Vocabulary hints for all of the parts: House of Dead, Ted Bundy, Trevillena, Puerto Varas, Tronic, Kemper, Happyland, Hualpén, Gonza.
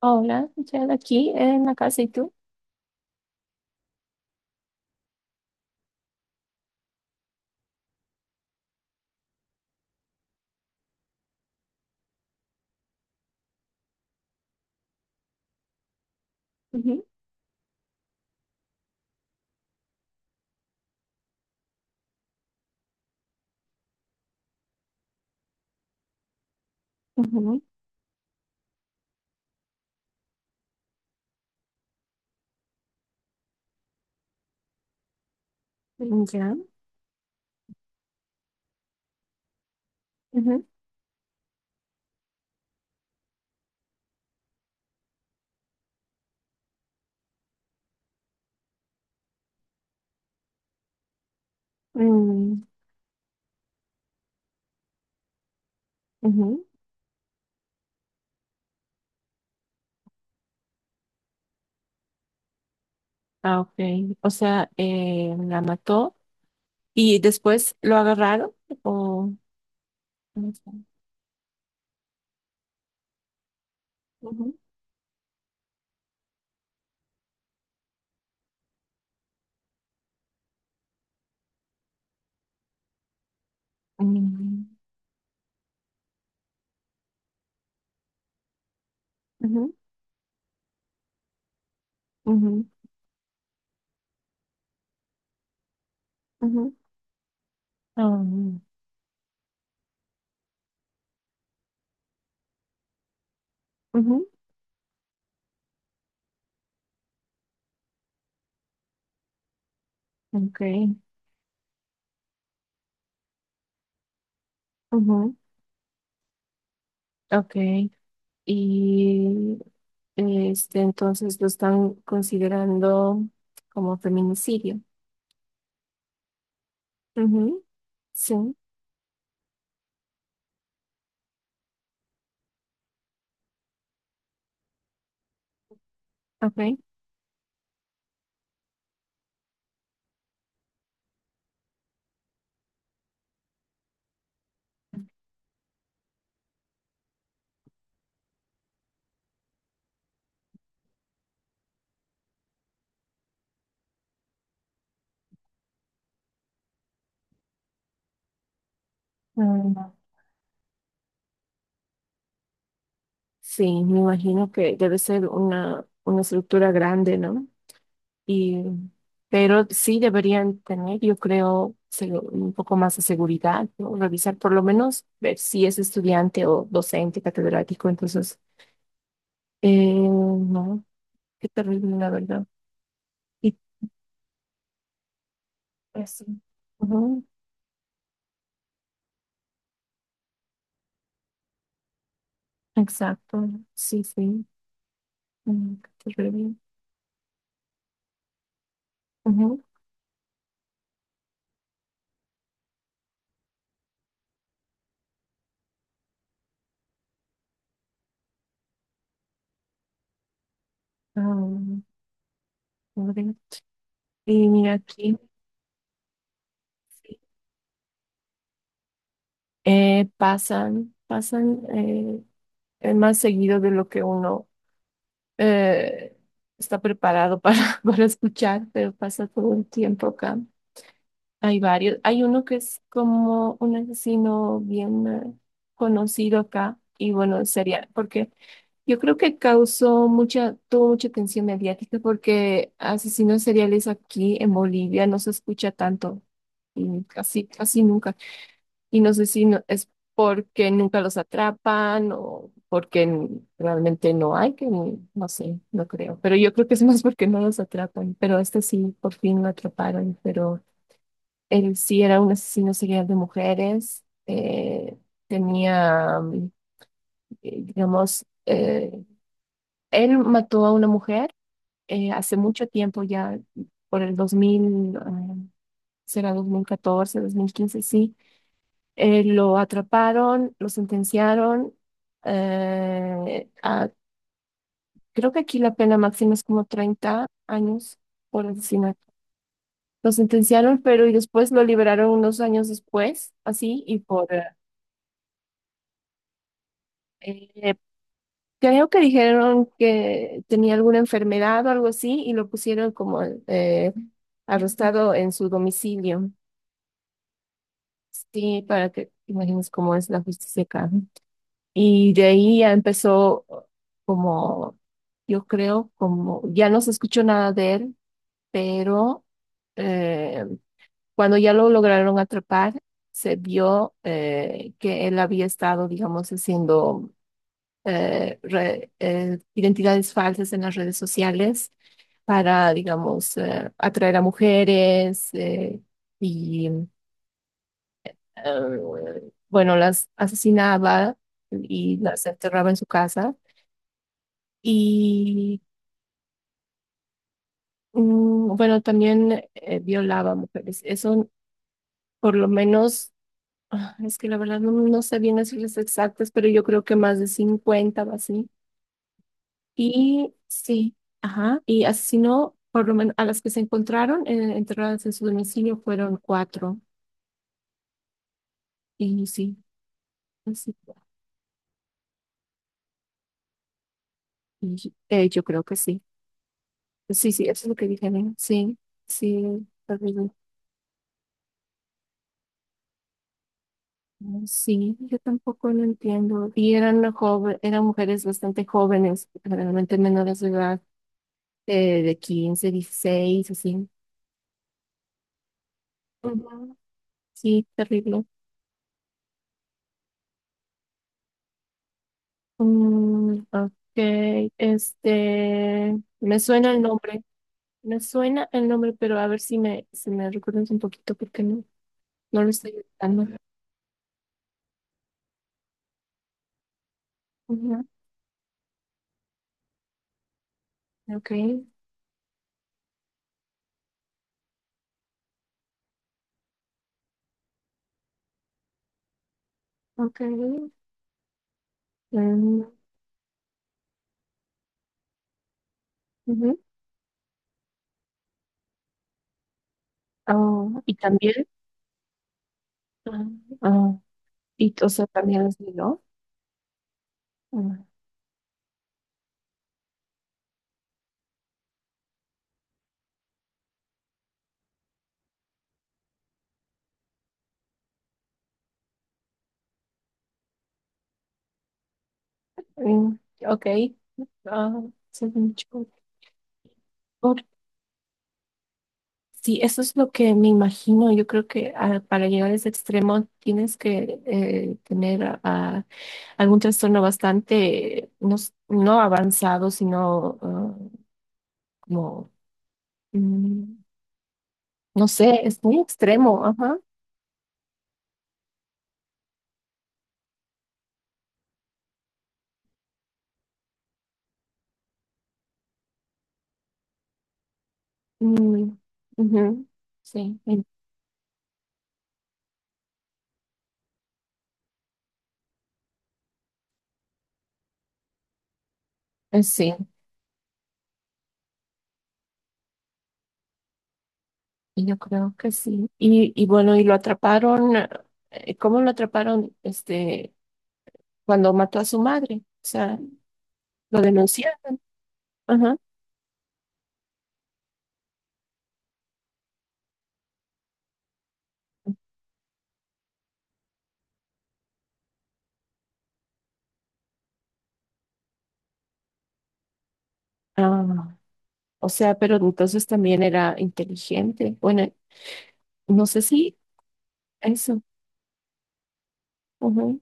Hola, ya de aquí en la casa, ¿y tú? Ujú, ujú, ya. Ujú, mm, ujú. Ah, ok. O sea, la mató y después lo agarraron o no sé. Ujú, mm, ujú, ujú, ujú. Ah, ujú, ok. Ujú, ok. Y entonces lo están considerando como feminicidio. Ujú, sí, ok. Ah, sí, me imagino que debe ser una estructura grande, ¿no? Y, pero sí deberían tener, yo creo, un poco más de seguridad, ¿no? Revisar por lo menos, ver si es estudiante o docente, catedrático. Entonces, eh, no, qué terrible, la verdad. Y eso. Ujú, exacto, sí, sí, mm, qué terrible. Ujú, ah, pobre. Y mira aquí, sí, pasan, pasan. Es más seguido de lo que uno eh, está preparado para, para escuchar, pero pasa todo el tiempo acá. Hay varios. Hay uno que es como un asesino bien conocido acá y bueno, sería porque yo creo que causó mucha, tuvo mucha atención mediática porque asesinos seriales aquí en Bolivia no se escucha tanto y casi, casi nunca. Y no sé si es porque nunca los atrapan o porque realmente no hay, que no sé, no creo. Pero yo creo que es más porque no los atrapan. Pero este sí, por fin lo atraparon. Pero él sí era un asesino serial de mujeres. Tenía, digamos, él mató a una mujer hace mucho tiempo ya, por el 2000, ah, será 2014, 2015, sí. Lo atraparon, lo sentenciaron. eh, a- creo que aquí la pena máxima es como 30 años por asesinato. Lo sentenciaron, pero y después lo liberaron unos años después, así, y por. Eh, creo que dijeron que tenía alguna enfermedad o algo así, y lo pusieron como eh, arrestado en su domicilio. Sí, para que imagines cómo es la justicia acá. Y de ahí ya empezó como, yo creo, como, ya no se escuchó nada de él, pero eh, cuando ya lo lograron atrapar, se vio que él había estado, digamos, haciendo identidades falsas en las redes sociales para, digamos, atraer a mujeres y, bueno, las asesinaba y las enterraba en su casa. Y bueno, también violaba mujeres. Eso por lo menos, ah, es que la verdad no, no sé bien las cifras exactas, pero yo creo que más de 50 o así. Y sí, ajá, y asesinó por lo menos a las que se encontraron enterradas en su domicilio fueron cuatro. Y sí, así, y, yo creo que sí. Sí, sí, eso es lo que dijeron. Sí, sí, mm, sí, yo tampoco lo entiendo. Y eran joven, eran mujeres bastante jóvenes, realmente menores de edad, de 15, 16, así. Ujú. Sí, terrible. Mm, ok, me suena el nombre, me suena el nombre, pero a ver si me recuerdas un poquito porque no, no lo estoy gritando. Ujú, ok, ok. Mm, ujú. Oh, y también, ah, ah, y, o sea, también es de. Mm, ok. Ah, según yo, por- sí, eso es lo que me imagino. Yo creo que para llegar a ese extremo tienes que tener algún trastorno bastante, no, no avanzado, sino como, mm, no sé, es muy extremo. Ajá. Mm, ujú. Sí, sí, y yo creo que sí. Y bueno, y lo atraparon. ¿Cómo lo atraparon? Cuando mató a su madre, o sea, lo denunciaron. Ajá. Ah, o sea, pero entonces también era inteligente. Bueno, no sé si eso. Ujú,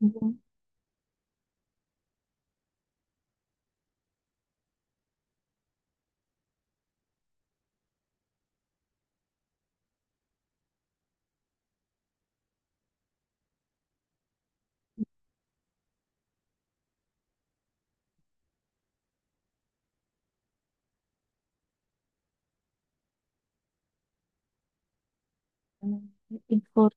ujú. Y, por-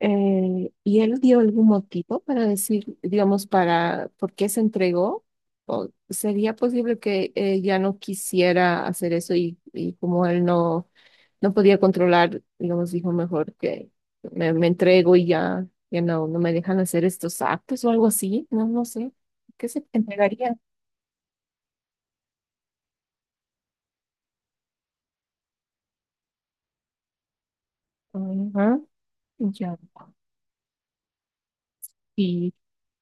eh, ¿y él dio algún motivo para decir, digamos, para por qué se entregó? ¿O sería posible que ya no quisiera hacer eso y como él no podía controlar, digamos, dijo mejor que me entrego y ya, ya no, no me dejan hacer estos actos o algo así, no, no sé, ¿qué se entregaría? Ajá, ya. Y,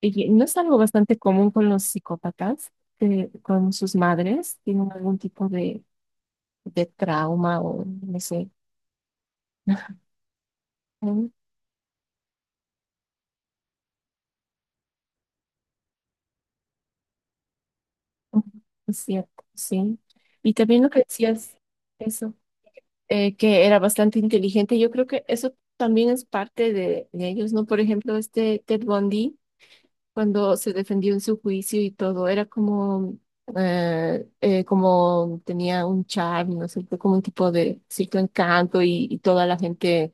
y no es algo bastante común con los psicópatas, que con sus madres tienen algún tipo de trauma o no sé. Mm, mm, es cierto, sí. Y también lo que decías, eso. Que era bastante inteligente. Yo creo que eso también es parte de ellos, ¿no? Por ejemplo, este Ted Bundy, cuando se defendió en su juicio y todo, era como, como tenía un charme, ¿no es cierto? Como un tipo de cierto encanto y toda la gente,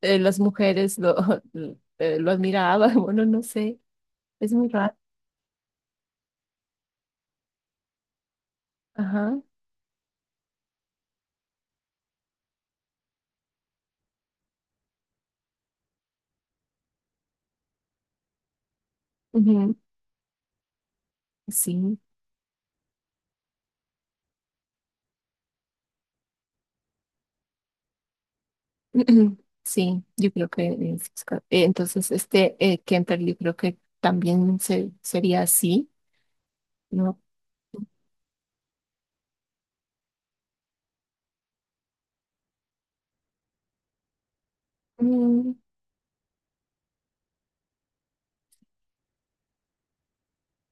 las mujeres lo, lo admiraban, bueno, no sé, es muy raro. Ajá. Ujú, sí. Ujú. Sí, yo creo que entonces Kemper yo creo que también se, sería así, ¿no? Mm,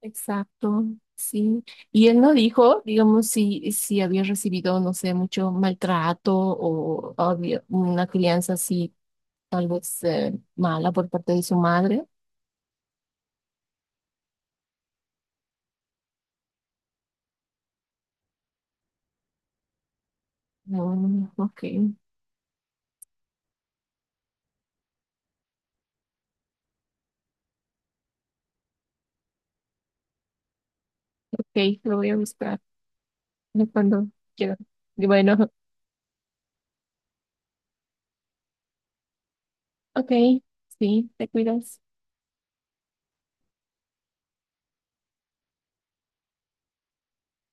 exacto, sí. Y él no dijo, digamos, si había recibido, no sé, mucho maltrato o había una crianza así, tal vez mala por parte de su madre. Mm, ok, ok, lo voy a buscar, ¿no? Cuando quiera. Y bueno, ok, sí, te cuidas.